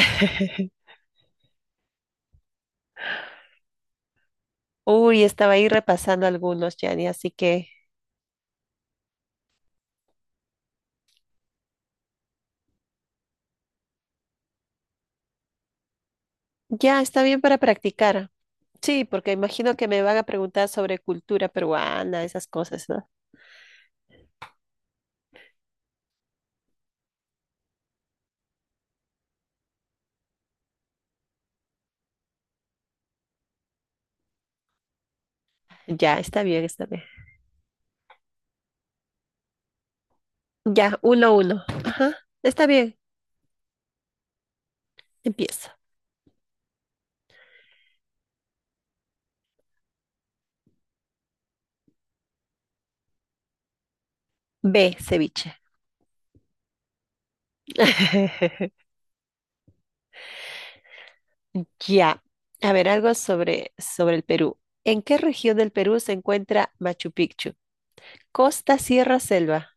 Uy, estaba ahí repasando algunos, Yanni, así que ya está bien para practicar. Sí, porque imagino que me van a preguntar sobre cultura peruana, esas cosas, ¿no? Ya, está bien, está bien. Ya, uno, uno. Está bien, empiezo. B, ceviche. Ya. A ver, algo sobre el Perú. ¿En qué región del Perú se encuentra Machu Picchu? Costa, sierra, selva.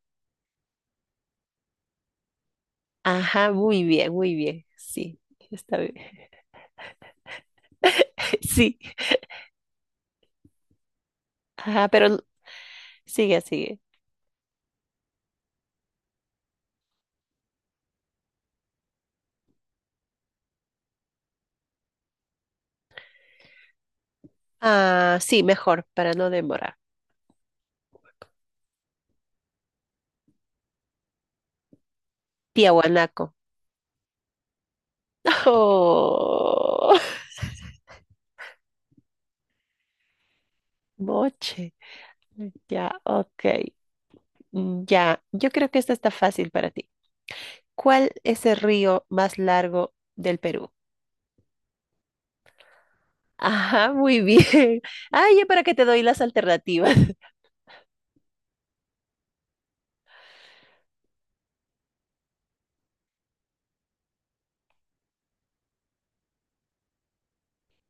Ajá, muy bien, muy bien. Sí, está bien. Sí. Ajá, pero sigue, sigue. Ah, sí, mejor, para no demorar. Tiahuanaco. Oh, Moche. Ya, ok. Ya, yo creo que esta está fácil para ti. ¿Cuál es el río más largo del Perú? Ajá, muy bien. Ah, ya para que te doy las alternativas.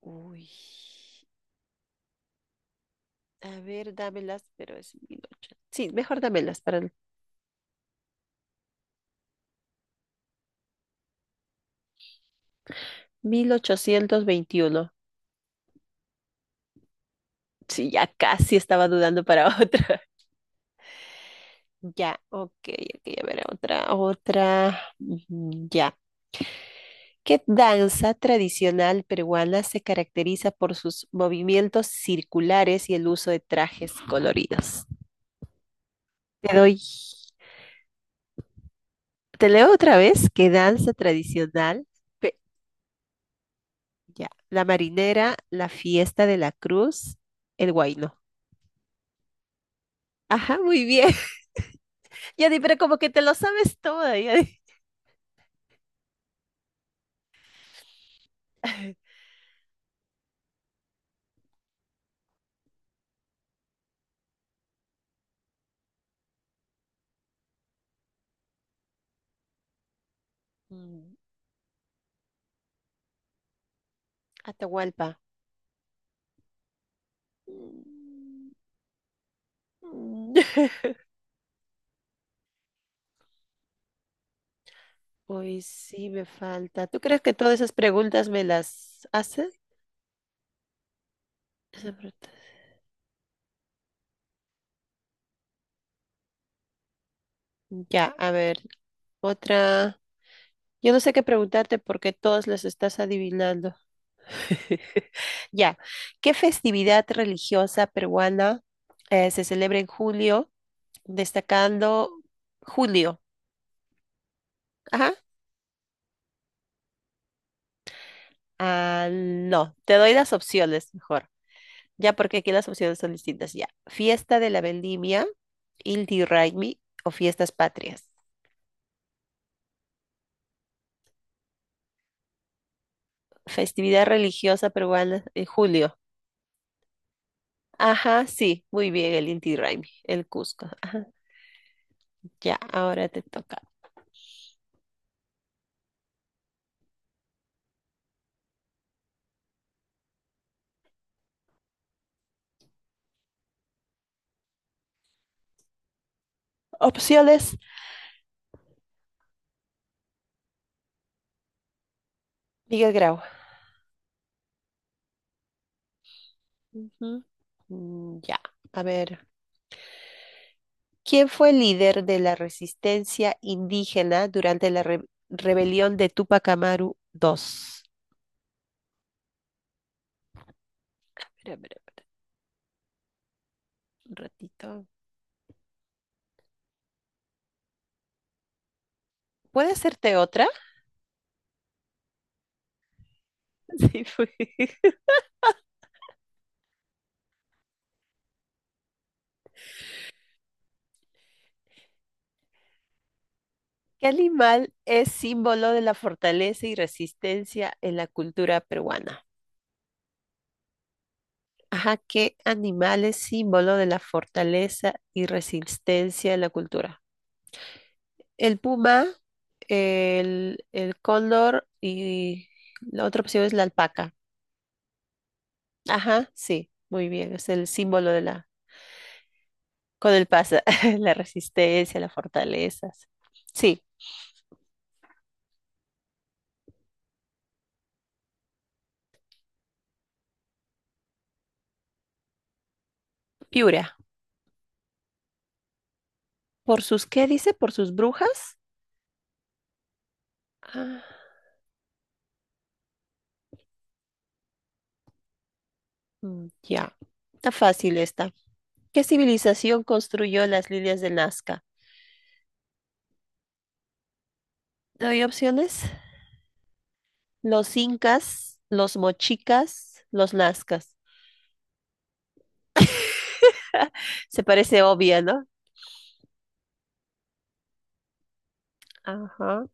uy. A ver, dámelas, pero es 1800. Sí, mejor dámelas para el 1821. Sí, ya casi estaba dudando para otra. Ya, ok, ok, a ver, otra, otra, ujú, ya. ¿Qué danza tradicional peruana se caracteriza por sus movimientos circulares y el uso de trajes coloridos? Te doy, te leo otra vez, ¿qué danza tradicional? pe- ya, la marinera, la fiesta de la cruz, el guayno. Ajá, muy bien. Ya di, pero como que te lo sabes todo, ya di. Mm, Atahualpa. Mm, mm. Hoy sí, me falta. ¿Tú crees que todas esas preguntas me las hace? Esas preguntas. Ya, a ver, otra. Yo no sé qué preguntarte porque todas las estás adivinando. Ya, ¿qué festividad religiosa peruana se celebra en julio, destacando julio? Ajá. Ah, no, te doy las opciones mejor. Ya, porque aquí las opciones son distintas. Ya, fiesta de la vendimia, Inti Raymi o fiestas patrias. Festividad religiosa peruana en julio. Ajá, sí, muy bien, el Inti Raymi, el Cusco. Ah, ya, ahora te toca. Opciones, Miguel Grau. Ujú. Ya, a ver. ¿Quién fue el líder de la resistencia indígena durante la rebelión de Tupac Amaru II? Espera, espera, espera, un ratito. ¿Puede hacerte otra? Sí, fue. ¿Qué animal es símbolo de la fortaleza y resistencia en la cultura peruana? Ajá, ¿qué animal es símbolo de la fortaleza y resistencia en la cultura? El puma, el cóndor y la otra opción es la alpaca. Ajá, sí, muy bien, es el símbolo de la, con el pasa, la resistencia, las fortalezas. Sí, Piura. ¿Por sus qué dice? ¿Por sus brujas? Ah, ya, está fácil esta. ¿Qué civilización construyó las líneas de Nazca? ¿Doy opciones? Los incas, los mochicas, los nazcas. Se parece obvia, ¿no? Ajá.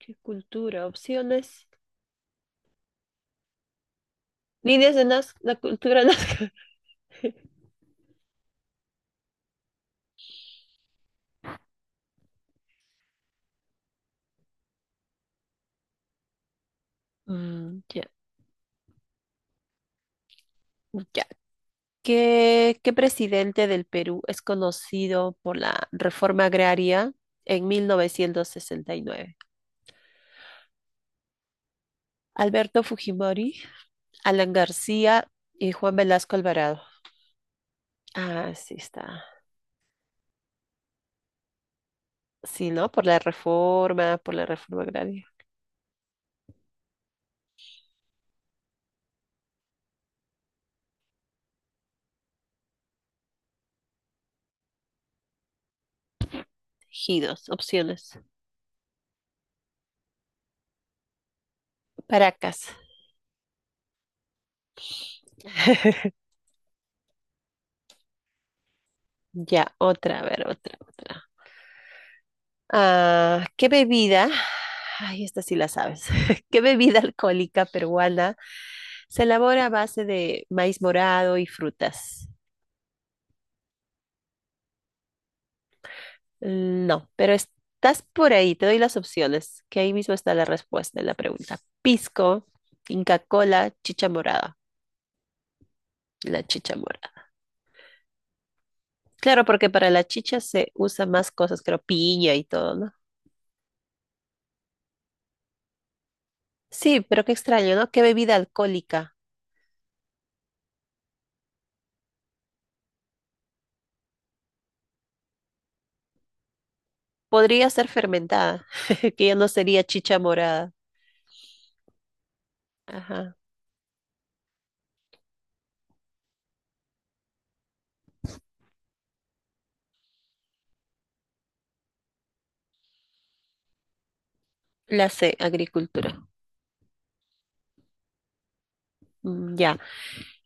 ¿Qué cultura? Opciones. La cultura nazca. Mm, ya, ya. ¿Qué, qué presidente del Perú es conocido por la reforma agraria en 1969? Alberto Fujimori, Alan García y Juan Velasco Alvarado. Ah, sí está. Sí, ¿no? Por la reforma agraria. Ejidos, opciones. Paracas. Ya, otra, a ver, otra, otra. Ah, ¿qué bebida? Ay, esta sí la sabes. ¿Qué bebida alcohólica peruana se elabora a base de maíz morado y frutas? No, pero estás por ahí, te doy las opciones, que ahí mismo está la respuesta de la pregunta. Pisco, Inca Cola, chicha morada. La chicha morada. Claro, porque para la chicha se usa más cosas, creo, piña y todo, ¿no? Sí, pero qué extraño, ¿no? Qué bebida alcohólica. Podría ser fermentada, que ya no sería chicha morada. Ajá. La C, agricultura. Ya.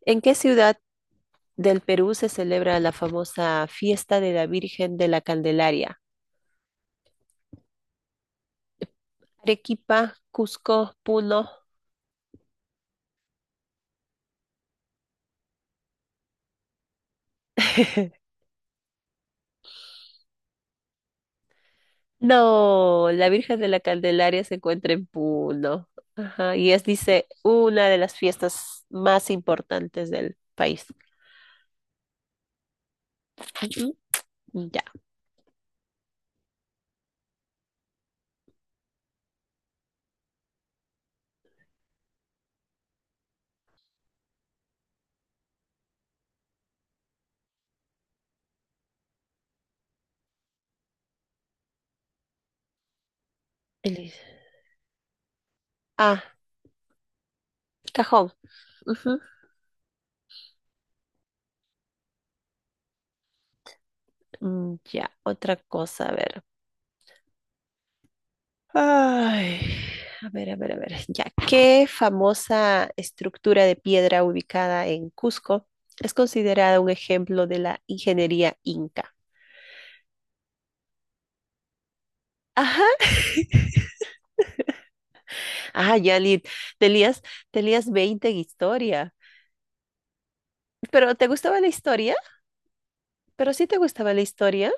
¿En qué ciudad del Perú se celebra la famosa fiesta de la Virgen de la Candelaria? Arequipa, Cusco, Puno. No, la Virgen de la Candelaria se encuentra en Puno. Ajá, y es, dice, una de las fiestas más importantes del país. Ujú. Ya. el- Ah, cajón. Ujú. Ya, otra cosa, a ver. Ay, a ver. Ya, ¿qué famosa estructura de piedra ubicada en Cusco es considerada un ejemplo de la ingeniería inca? Ajá. Ah, ya, Lid, te lías, te lías 20 en historia. ¿Pero te gustaba la historia? ¿Pero sí te gustaba la historia?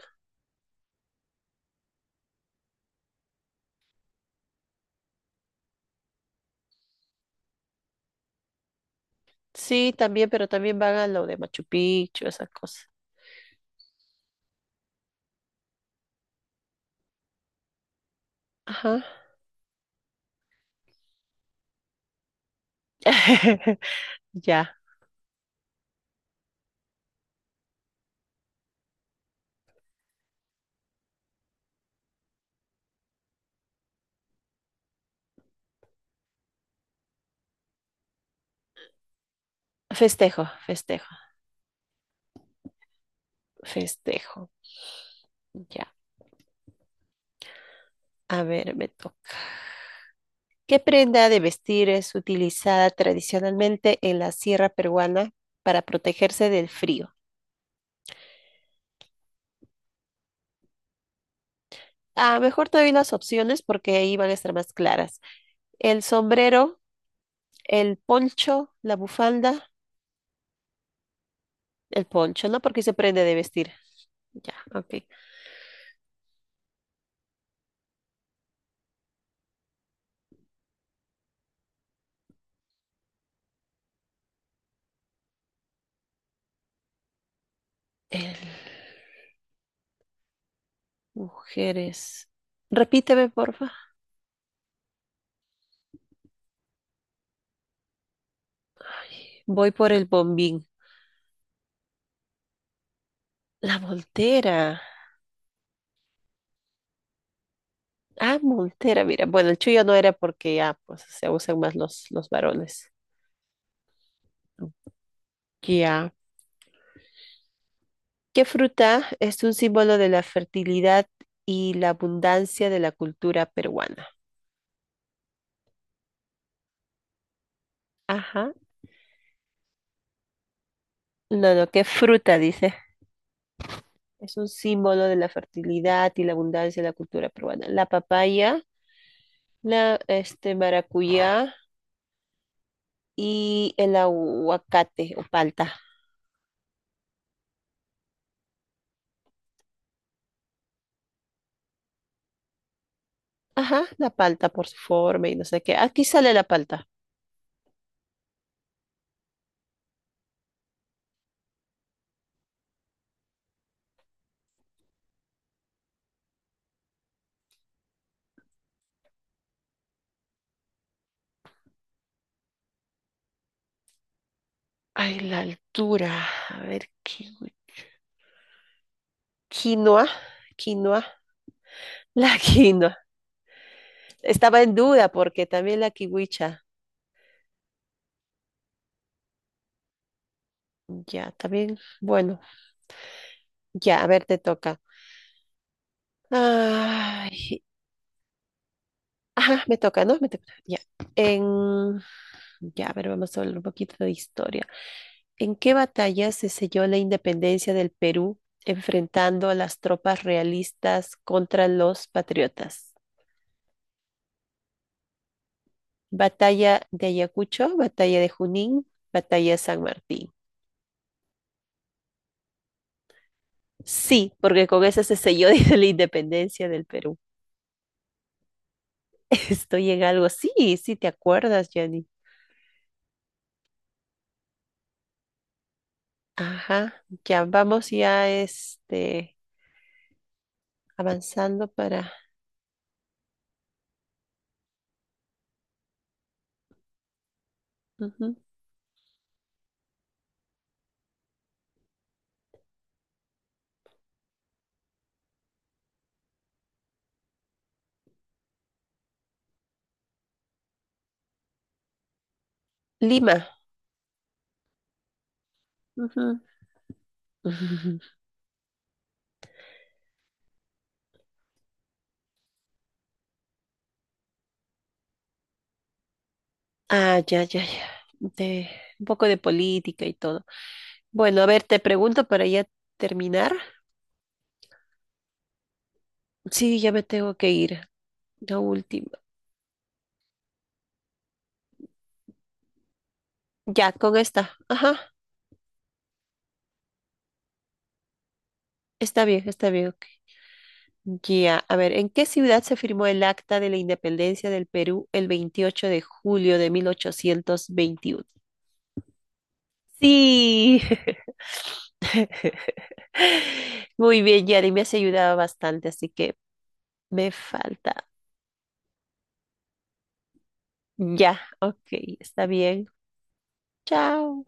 Sí, también, pero también van a lo de Machu Picchu, esa cosa. Ajá. Ya, festejo, festejo, festejo. Ya, a ver, me toca. ¿Qué prenda de vestir es utilizada tradicionalmente en la sierra peruana para protegerse del frío? Ah, mejor te doy las opciones porque ahí van a estar más claras. El sombrero, el poncho, la bufanda, el poncho, ¿no? Porque se prende de vestir. Ya, ok. El- Mujeres. Repíteme, porfa. Voy por el bombín. La voltera. Ah, montera, mira. Bueno, el chuyo no era porque ya, pues, se usan más los varones. Ya. ¿Qué fruta es un símbolo de la fertilidad y la abundancia de la cultura peruana? Ajá. No, no, ¿qué fruta dice? Es un símbolo de la fertilidad y la abundancia de la cultura peruana. La papaya, la este maracuyá y el aguacate o palta. Ajá, la palta por su forma y no sé qué. Aquí sale la palta. Ay, la altura. A ver, quinoa, quinoa, la quinoa. Estaba en duda porque también la kiwicha. Ya, también. Bueno, ya, a ver, te toca. Ay, ajá, me toca, ¿no? Me toca. Ya. En, ya, a ver, vamos a hablar un poquito de historia. ¿En qué batalla se selló la independencia del Perú enfrentando a las tropas realistas contra los patriotas? Batalla de Ayacucho, Batalla de Junín, Batalla de San Martín. Sí, porque con esa se selló dice, la independencia del Perú. Estoy en algo. Sí, sí, te acuerdas, Jenny. Ajá, ya vamos ya avanzando para ujú. Lima. Ujú. Ujú. Ah, ya, ya, ya. De, un poco de política y todo. Bueno, a ver, te pregunto para ya terminar. Sí, ya me tengo que ir. La última. Ya, con esta. Ajá. Está bien, está bien. Ok. Ya, a ver, ¿en qué ciudad se firmó el Acta de la Independencia del Perú el 28 de julio de 1821? Sí. Muy bien, Yari, me has ayudado bastante, así que me falta. Ya, ok, está bien. Chao.